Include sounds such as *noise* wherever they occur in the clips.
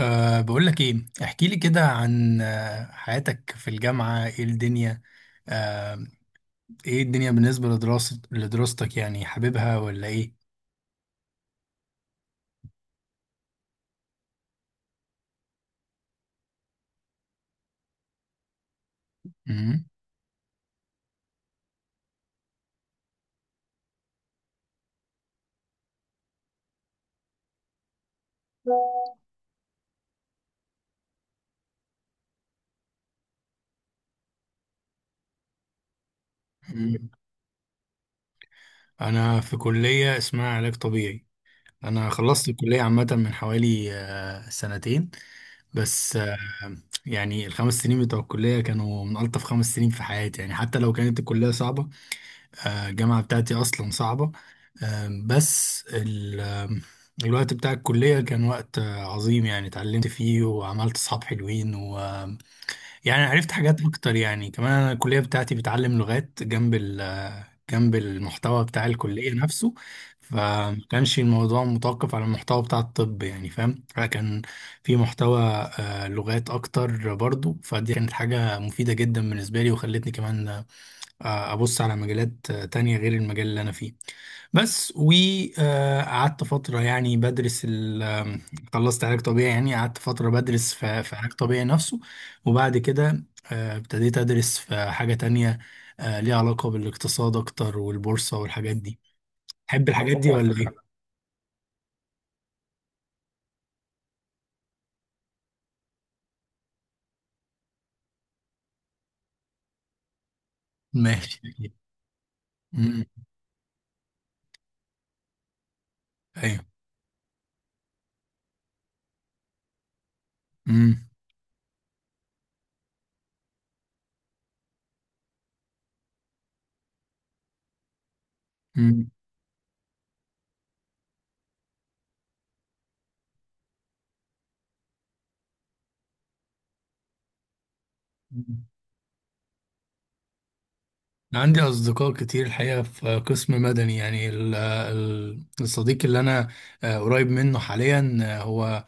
بقول لك ايه، احكي لي كده عن حياتك في الجامعة، ايه الدنيا؟ أه ايه الدنيا بالنسبة لدراسة لدراستك، يعني حاببها ولا ايه؟ مم. مم. انا في كلية اسمها علاج طبيعي. انا خلصت الكلية عامة من حوالي سنتين، بس يعني الخمس سنين بتوع الكلية كانوا من ألطف خمس سنين في حياتي، يعني حتى لو كانت الكلية صعبة. الجامعة بتاعتي أصلا صعبة. آم، بس ال- آم، الوقت بتاع الكلية كان وقت عظيم، يعني اتعلمت فيه وعملت صحاب حلوين، ويعني عرفت حاجات أكتر. يعني كمان أنا الكلية بتاعتي بتعلم لغات جنب ال آه، جنب المحتوى بتاع الكلية نفسه، فما كانش الموضوع متوقف على المحتوى بتاع الطب، يعني فاهم، فكان في محتوى لغات أكتر برضو، فدي كانت حاجة مفيدة جدا بالنسبة لي، وخلتني كمان ابص على مجالات تانية غير المجال اللي انا فيه. بس وقعدت فترة يعني بدرس ال آه، خلصت علاج طبيعي، يعني قعدت فترة بدرس في علاج طبيعي نفسه، وبعد كده ابتديت ادرس في حاجة تانية ليها علاقة بالاقتصاد اكتر والبورصة والحاجات دي. تحب الحاجات مبروك دي على، ولا فكرة ايه؟ ماشي، أكيد. امم ايوه. امم امم أنا عندي أصدقاء كتير الحقيقة في قسم مدني، يعني الصديق اللي أنا قريب منه حاليا هو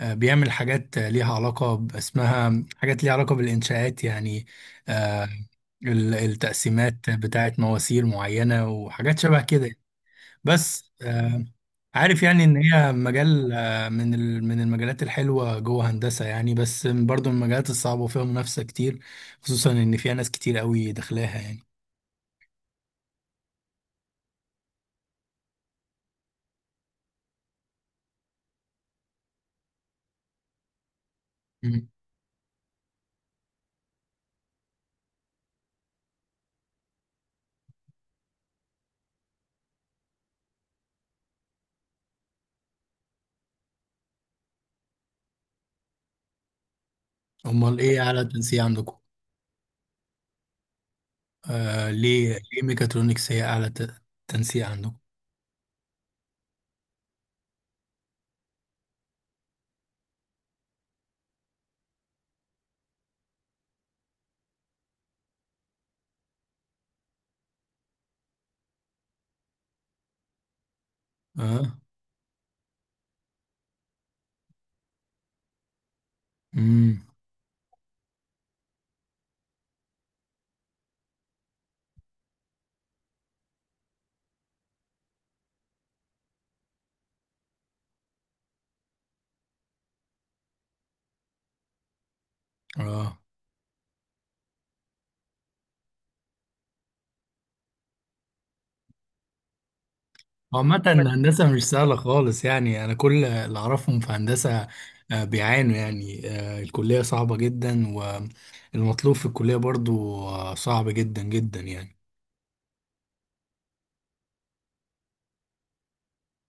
بيعمل حاجات ليها علاقة اسمها حاجات ليها علاقة بالإنشاءات، يعني آه، التقسيمات بتاعت مواسير معينة وحاجات شبه كده، بس عارف يعني إن هي مجال من المجالات الحلوة جوه هندسة، يعني بس برضو من المجالات الصعبة وفيها منافسة كتير، خصوصا إن فيها ناس كتير قوي داخلاها يعني. امال ايه اعلى تنسيق عندكم؟ آه، ليه ميكاترونكس هي اعلى تنسيق عندكم؟ اه. امم اه. عامة الهندسة مش سهلة خالص، يعني أنا كل اللي أعرفهم في هندسة بيعانوا، يعني الكلية صعبة جدا، والمطلوب في الكلية برضو صعب جدا جدا يعني.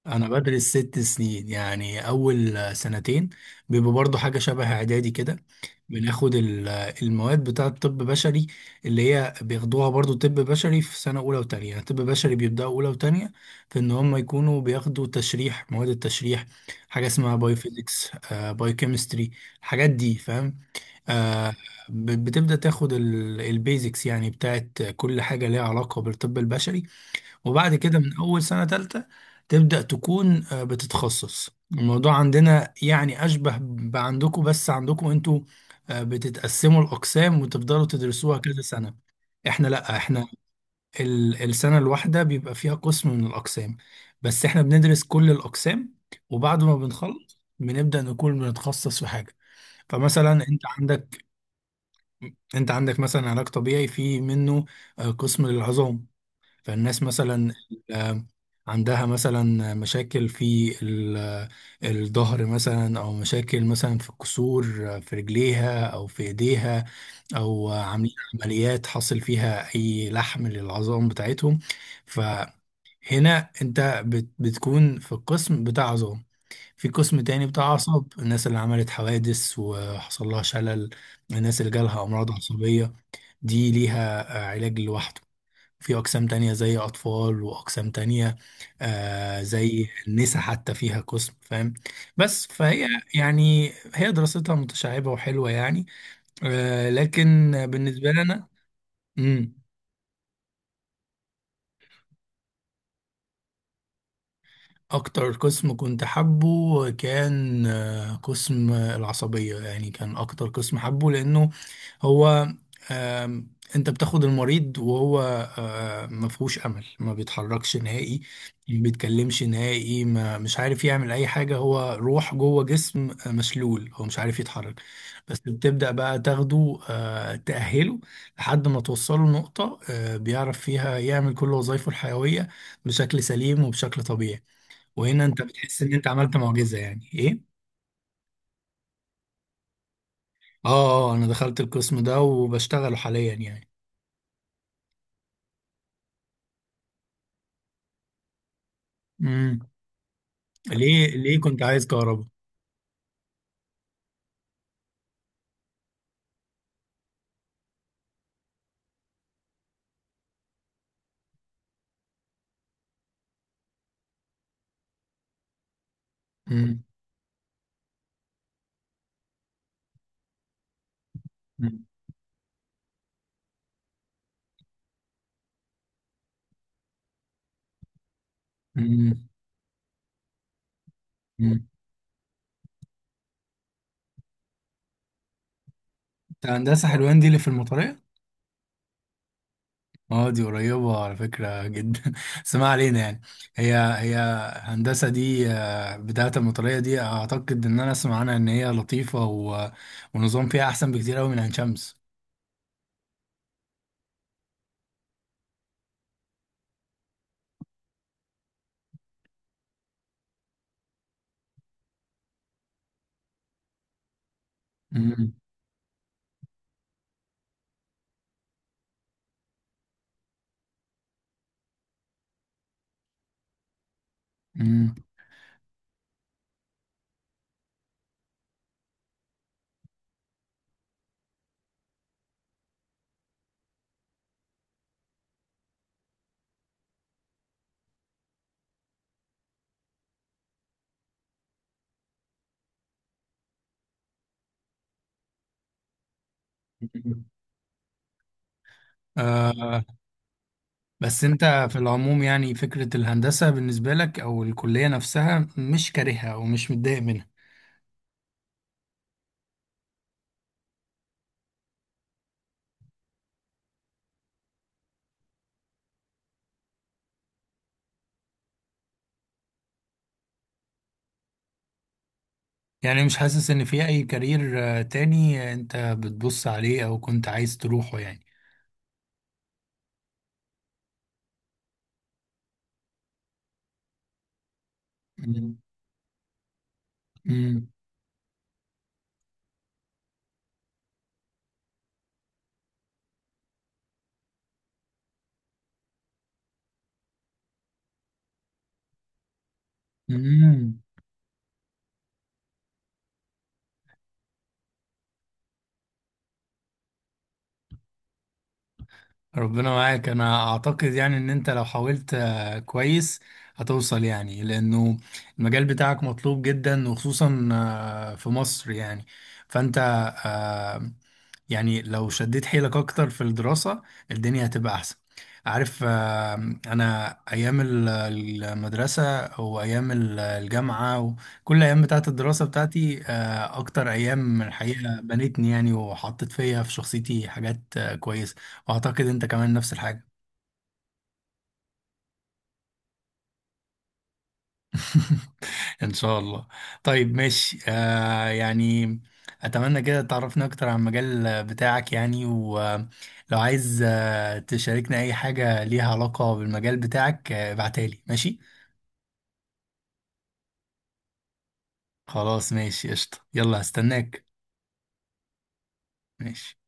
انا بدرس ست سنين، يعني اول سنتين بيبقى برضو حاجه شبه اعدادي كده، بناخد المواد بتاعه طب بشري، اللي هي بياخدوها برضو طب بشري في سنه اولى وتانية. يعني طب بشري بيبداوا اولى وتانية في ان هم يكونوا بياخدوا تشريح، مواد التشريح، حاجه اسمها باي فيزيكس، باي كيمستري، الحاجات دي، فاهم؟ آه، بتبدا تاخد البيزكس يعني بتاعه كل حاجه ليها علاقه بالطب البشري. وبعد كده من أول سنة تالتة تبدأ تكون بتتخصص. الموضوع عندنا يعني أشبه بعندكم، بس عندكم أنتوا بتتقسموا الأقسام وتفضلوا تدرسوها كذا سنة. إحنا لأ، إحنا السنة الواحدة بيبقى فيها قسم من الأقسام، بس إحنا بندرس كل الأقسام، وبعد ما بنخلص بنبدأ نكون بنتخصص في حاجة. فمثلا أنت عندك، أنت عندك مثلا علاج طبيعي، في منه قسم للعظام. فالناس مثلا آه، عندها مثلا مشاكل في الظهر مثلا، او مشاكل مثلا في الكسور في رجليها او في ايديها، او عاملين عمليات حصل فيها اي لحم للعظام بتاعتهم، فهنا انت بتكون في القسم بتاع عظام. في قسم تاني بتاع اعصاب، الناس اللي عملت حوادث وحصل لها شلل، الناس اللي جالها امراض عصبية، دي ليها علاج لوحده. في أقسام تانية زي أطفال، وأقسام تانية آه زي النساء، حتى فيها قسم، فاهم؟ بس فهي يعني هي دراستها متشعبة وحلوة يعني. آه لكن بالنسبة لنا مم، أكتر قسم كنت حابه كان آه قسم العصبية، يعني كان أكتر قسم حابه، لأنه هو آم، انت بتاخد المريض وهو ما فيهوش امل، ما بيتحركش نهائي، ما بيتكلمش نهائي، ما مش عارف يعمل اي حاجه، هو روح جوه جسم مشلول، هو مش عارف يتحرك، بس بتبدا بقى تاخده تاهله لحد ما توصله لنقطه بيعرف فيها يعمل كل وظائفه الحيويه بشكل سليم وبشكل طبيعي. وهنا انت بتحس ان انت عملت معجزه، يعني ايه. اه اه، انا دخلت القسم ده وبشتغله حاليا. يعني ليه كنت عايز كهرباء؟ مم. مم. مم. مم. انت هندسة حلوان دي اللي في المطرية؟ اه، دي قريبة على فكرة جدا *laughs* بس ما علينا يعني. هي هندسة دي بتاعة المطرية دي، اعتقد ان انا اسمع عنها ان هي لطيفة، و... ونظام فيها احسن بكتير قوي من عين شمس. مم. مم. مم. آه. بس انت في العموم، يعني فكرة الهندسة بالنسبة لك او الكلية نفسها، مش كارهها ومش متضايق منها يعني؟ مش حاسس ان في اي كارير تاني انت بتبص عليه او كنت عايز تروحه يعني؟ مم. مم. مم. ربنا معاك. انا اعتقد يعني ان انت لو حاولت كويس هتوصل، يعني لانه المجال بتاعك مطلوب جدا، وخصوصا في مصر يعني. فانت آه، يعني لو شديت حيلك اكتر في الدراسة، الدنيا هتبقى احسن. عارف انا ايام المدرسة، وايام الجامعة، وكل ايام بتاعت الدراسة بتاعتي اكتر ايام الحقيقة بنتني يعني، وحطت فيها في شخصيتي حاجات كويسة. اعتقد انت كمان نفس الحاجة. *laughs* ان شاء الله. طيب ماشي آه يعني، اتمنى كده تعرفنا اكتر عن المجال بتاعك، يعني ولو عايز تشاركنا اي حاجة ليها علاقة بالمجال بتاعك ابعتها لي، ماشي؟ خلاص، ماشي، قشطة، يلا هستناك. ماشي.